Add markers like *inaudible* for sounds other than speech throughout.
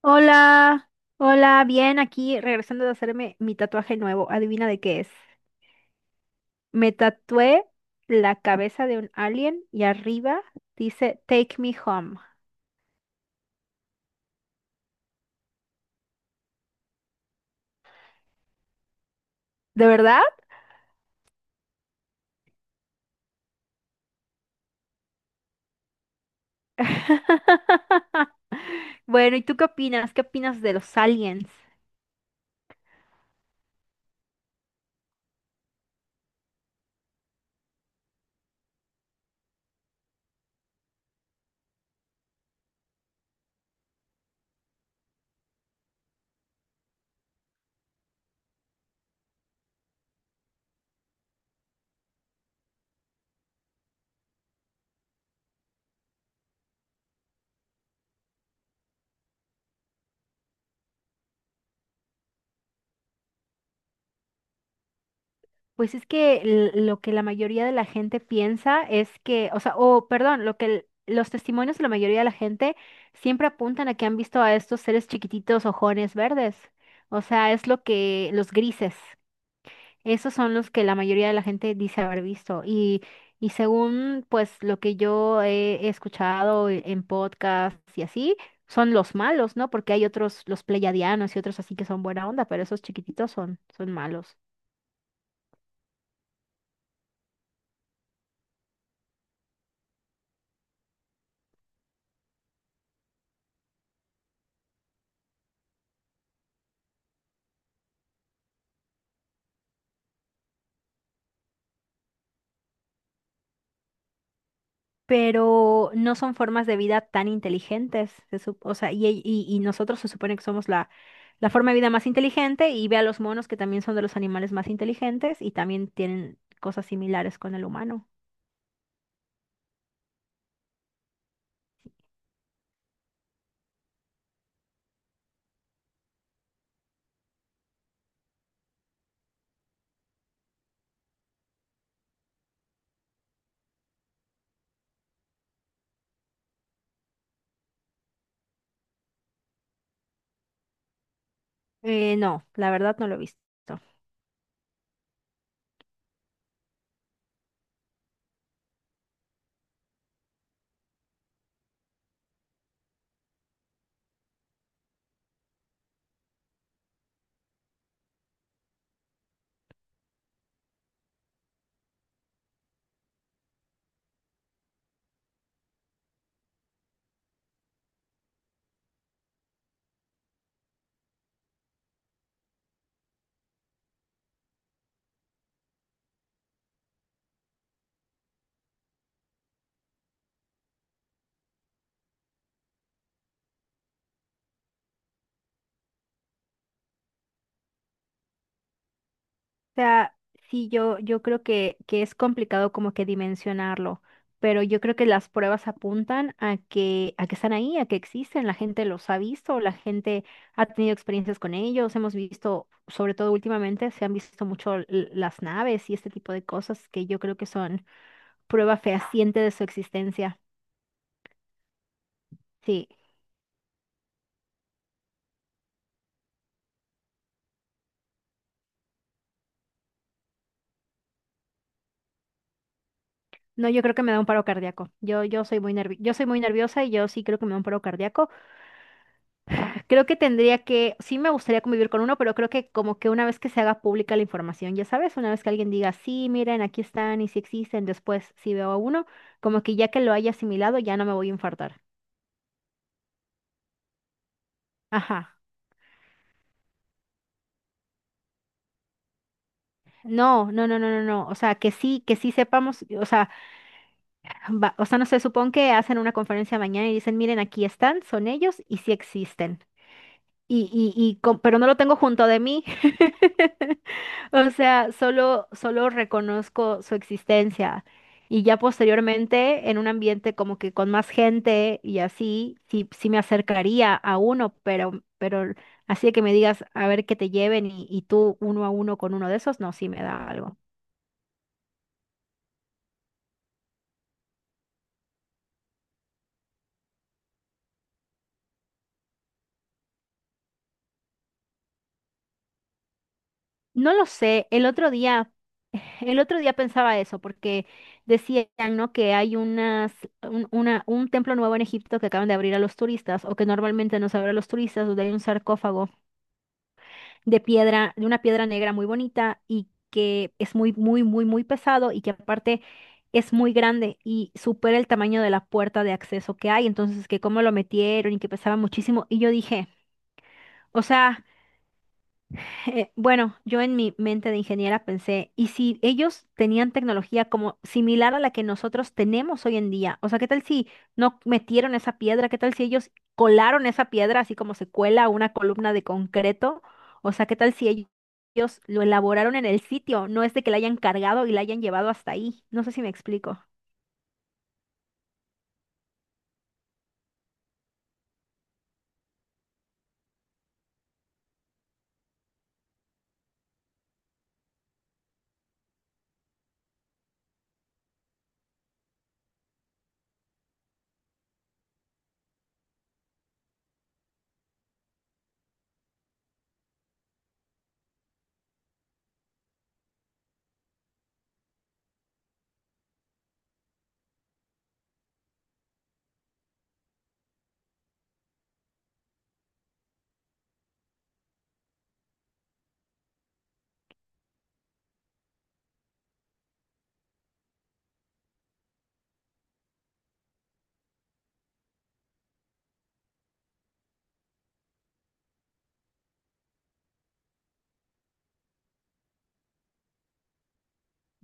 Hola, hola, bien, aquí regresando de hacerme mi tatuaje nuevo. Adivina de qué es. Me tatué la cabeza de un alien y arriba dice Take me home. ¿De verdad? *laughs* Bueno, ¿y tú qué opinas? ¿Qué opinas de los aliens? Pues es que lo que la mayoría de la gente piensa es que, o sea, o perdón, lo que los testimonios de la mayoría de la gente siempre apuntan a que han visto a estos seres chiquititos, ojones verdes. O sea, es lo que los grises, esos son los que la mayoría de la gente dice haber visto. Y según pues lo que yo he escuchado en podcasts y así, son los malos, ¿no? Porque hay otros, los pleiadianos y otros así que son buena onda, pero esos chiquititos son, malos. Pero no son formas de vida tan inteligentes. O sea, y nosotros se supone que somos la forma de vida más inteligente, y ve a los monos que también son de los animales más inteligentes y también tienen cosas similares con el humano. No, la verdad no lo he visto. O sea, sí, yo creo que es complicado como que dimensionarlo, pero yo creo que las pruebas apuntan a que están ahí, a que existen, la gente los ha visto, la gente ha tenido experiencias con ellos, hemos visto, sobre todo últimamente, se han visto mucho las naves y este tipo de cosas que yo creo que son prueba fehaciente de su existencia. Sí. No, yo creo que me da un paro cardíaco. Yo soy muy nerviosa y yo sí creo que me da un paro cardíaco. Creo que tendría que, sí me gustaría convivir con uno, pero creo que como que una vez que se haga pública la información, ya sabes, una vez que alguien diga, sí, miren, aquí están y si existen, después si veo a uno, como que ya que lo haya asimilado, ya no me voy a infartar. Ajá. No, no, no, no, no, no. O sea, que sí sepamos, o sea, o sea, no sé, supón que hacen una conferencia mañana y dicen, miren, aquí están, son ellos y sí existen. Pero no lo tengo junto de mí. *laughs* O sea, solo reconozco su existencia y ya posteriormente en un ambiente como que con más gente y así, sí, sí, me acercaría a uno, pero así de que me digas a ver que te lleven y tú uno a uno con uno de esos, no, sí me da algo. No lo sé, el otro día, *laughs* el otro día pensaba eso porque decían, ¿no?, que hay un templo nuevo en Egipto que acaban de abrir a los turistas o que normalmente no se abre a los turistas, donde hay un sarcófago de piedra, de una piedra negra muy bonita y que es muy, muy, muy, muy pesado, y que aparte es muy grande y supera el tamaño de la puerta de acceso que hay. Entonces, que cómo lo metieron y que pesaba muchísimo. Y yo dije, o sea... Bueno, yo en mi mente de ingeniera pensé, ¿y si ellos tenían tecnología como similar a la que nosotros tenemos hoy en día? O sea, ¿qué tal si no metieron esa piedra? ¿Qué tal si ellos colaron esa piedra así como se cuela una columna de concreto? O sea, ¿qué tal si ellos lo elaboraron en el sitio? No es de que la hayan cargado y la hayan llevado hasta ahí. No sé si me explico.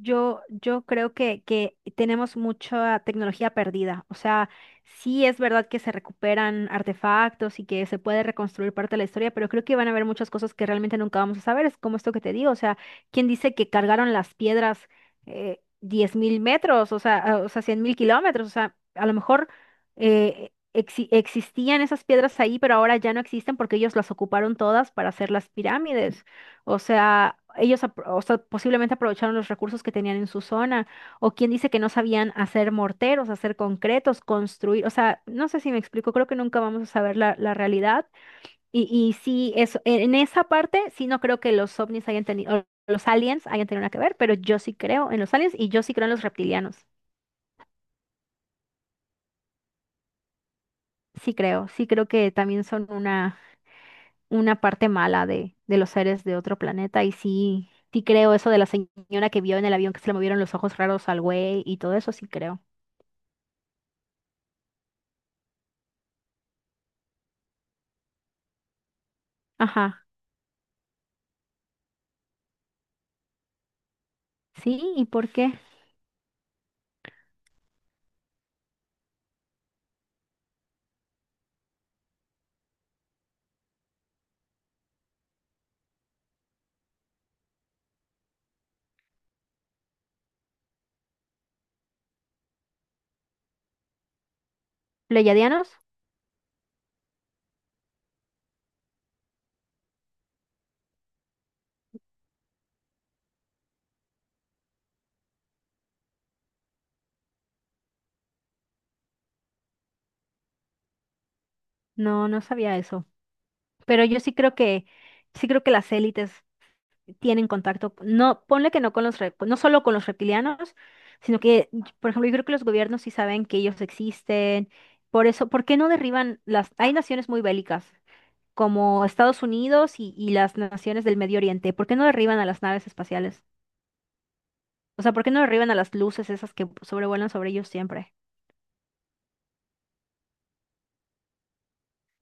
Yo creo que tenemos mucha tecnología perdida. O sea, sí es verdad que se recuperan artefactos y que se puede reconstruir parte de la historia, pero creo que van a haber muchas cosas que realmente nunca vamos a saber. Es como esto que te digo. O sea, ¿quién dice que cargaron las piedras 10,000 metros? O sea, ah, o sea, 100,000 kilómetros. O sea, a lo mejor existían esas piedras ahí, pero ahora ya no existen porque ellos las ocuparon todas para hacer las pirámides. O sea, ellos o sea, posiblemente aprovecharon los recursos que tenían en su zona. O quien dice que no sabían hacer morteros, hacer concretos, construir. O sea, no sé si me explico, creo que nunca vamos a saber la realidad. Y sí, eso, en esa parte sí no creo que los ovnis hayan tenido, los aliens hayan tenido nada que ver, pero yo sí creo en los aliens y yo sí creo en los reptilianos. Sí creo que también son una parte mala de los seres de otro planeta. Y sí, sí creo eso de la señora que vio en el avión que se le movieron los ojos raros al güey y todo eso, sí creo. Ajá. Sí, ¿y por qué? ¿Pleyadianos? No, no sabía eso. Pero yo sí creo que las élites tienen contacto, no, ponle que no con los, no solo con los reptilianos, sino que, por ejemplo, yo creo que los gobiernos sí saben que ellos existen. Por eso, ¿por qué no derriban las? Hay naciones muy bélicas, como Estados Unidos y las naciones del Medio Oriente. ¿Por qué no derriban a las naves espaciales? O sea, ¿por qué no derriban a las luces esas que sobrevuelan sobre ellos siempre?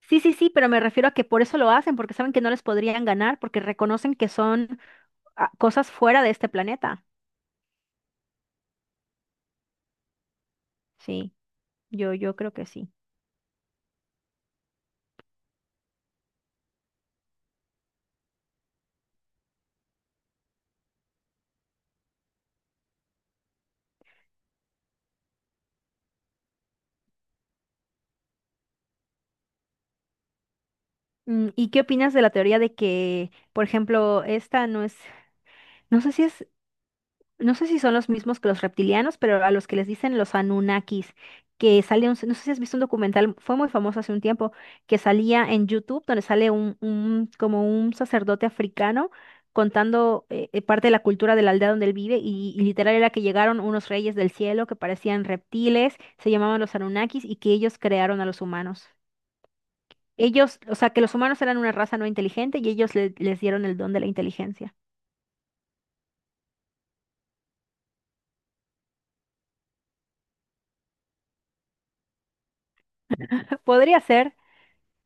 Sí, sí, sí, pero me refiero a que por eso lo hacen, porque saben que no les podrían ganar, porque reconocen que son cosas fuera de este planeta. Sí, yo creo que sí. ¿Y qué opinas de la teoría de que, por ejemplo, esta no es, no sé si es no sé si son los mismos que los reptilianos, pero a los que les dicen los Anunnakis, que sale no sé si has visto un documental, fue muy famoso hace un tiempo, que salía en YouTube, donde sale como un sacerdote africano contando parte de la cultura de la aldea donde él vive, y literal era que llegaron unos reyes del cielo que parecían reptiles, se llamaban los Anunnakis, y que ellos crearon a los humanos. Ellos, o sea, que los humanos eran una raza no inteligente y ellos les dieron el don de la inteligencia. *laughs* Podría ser,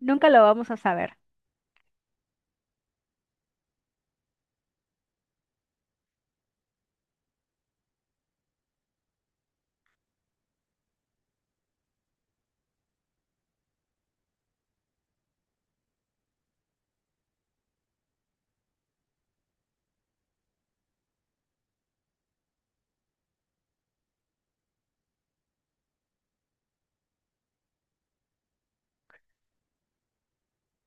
nunca lo vamos a saber.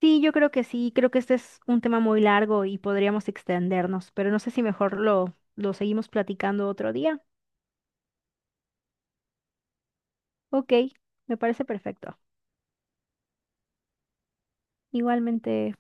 Sí, yo creo que sí, creo que este es un tema muy largo y podríamos extendernos, pero no sé si mejor lo, seguimos platicando otro día. Ok, me parece perfecto. Igualmente.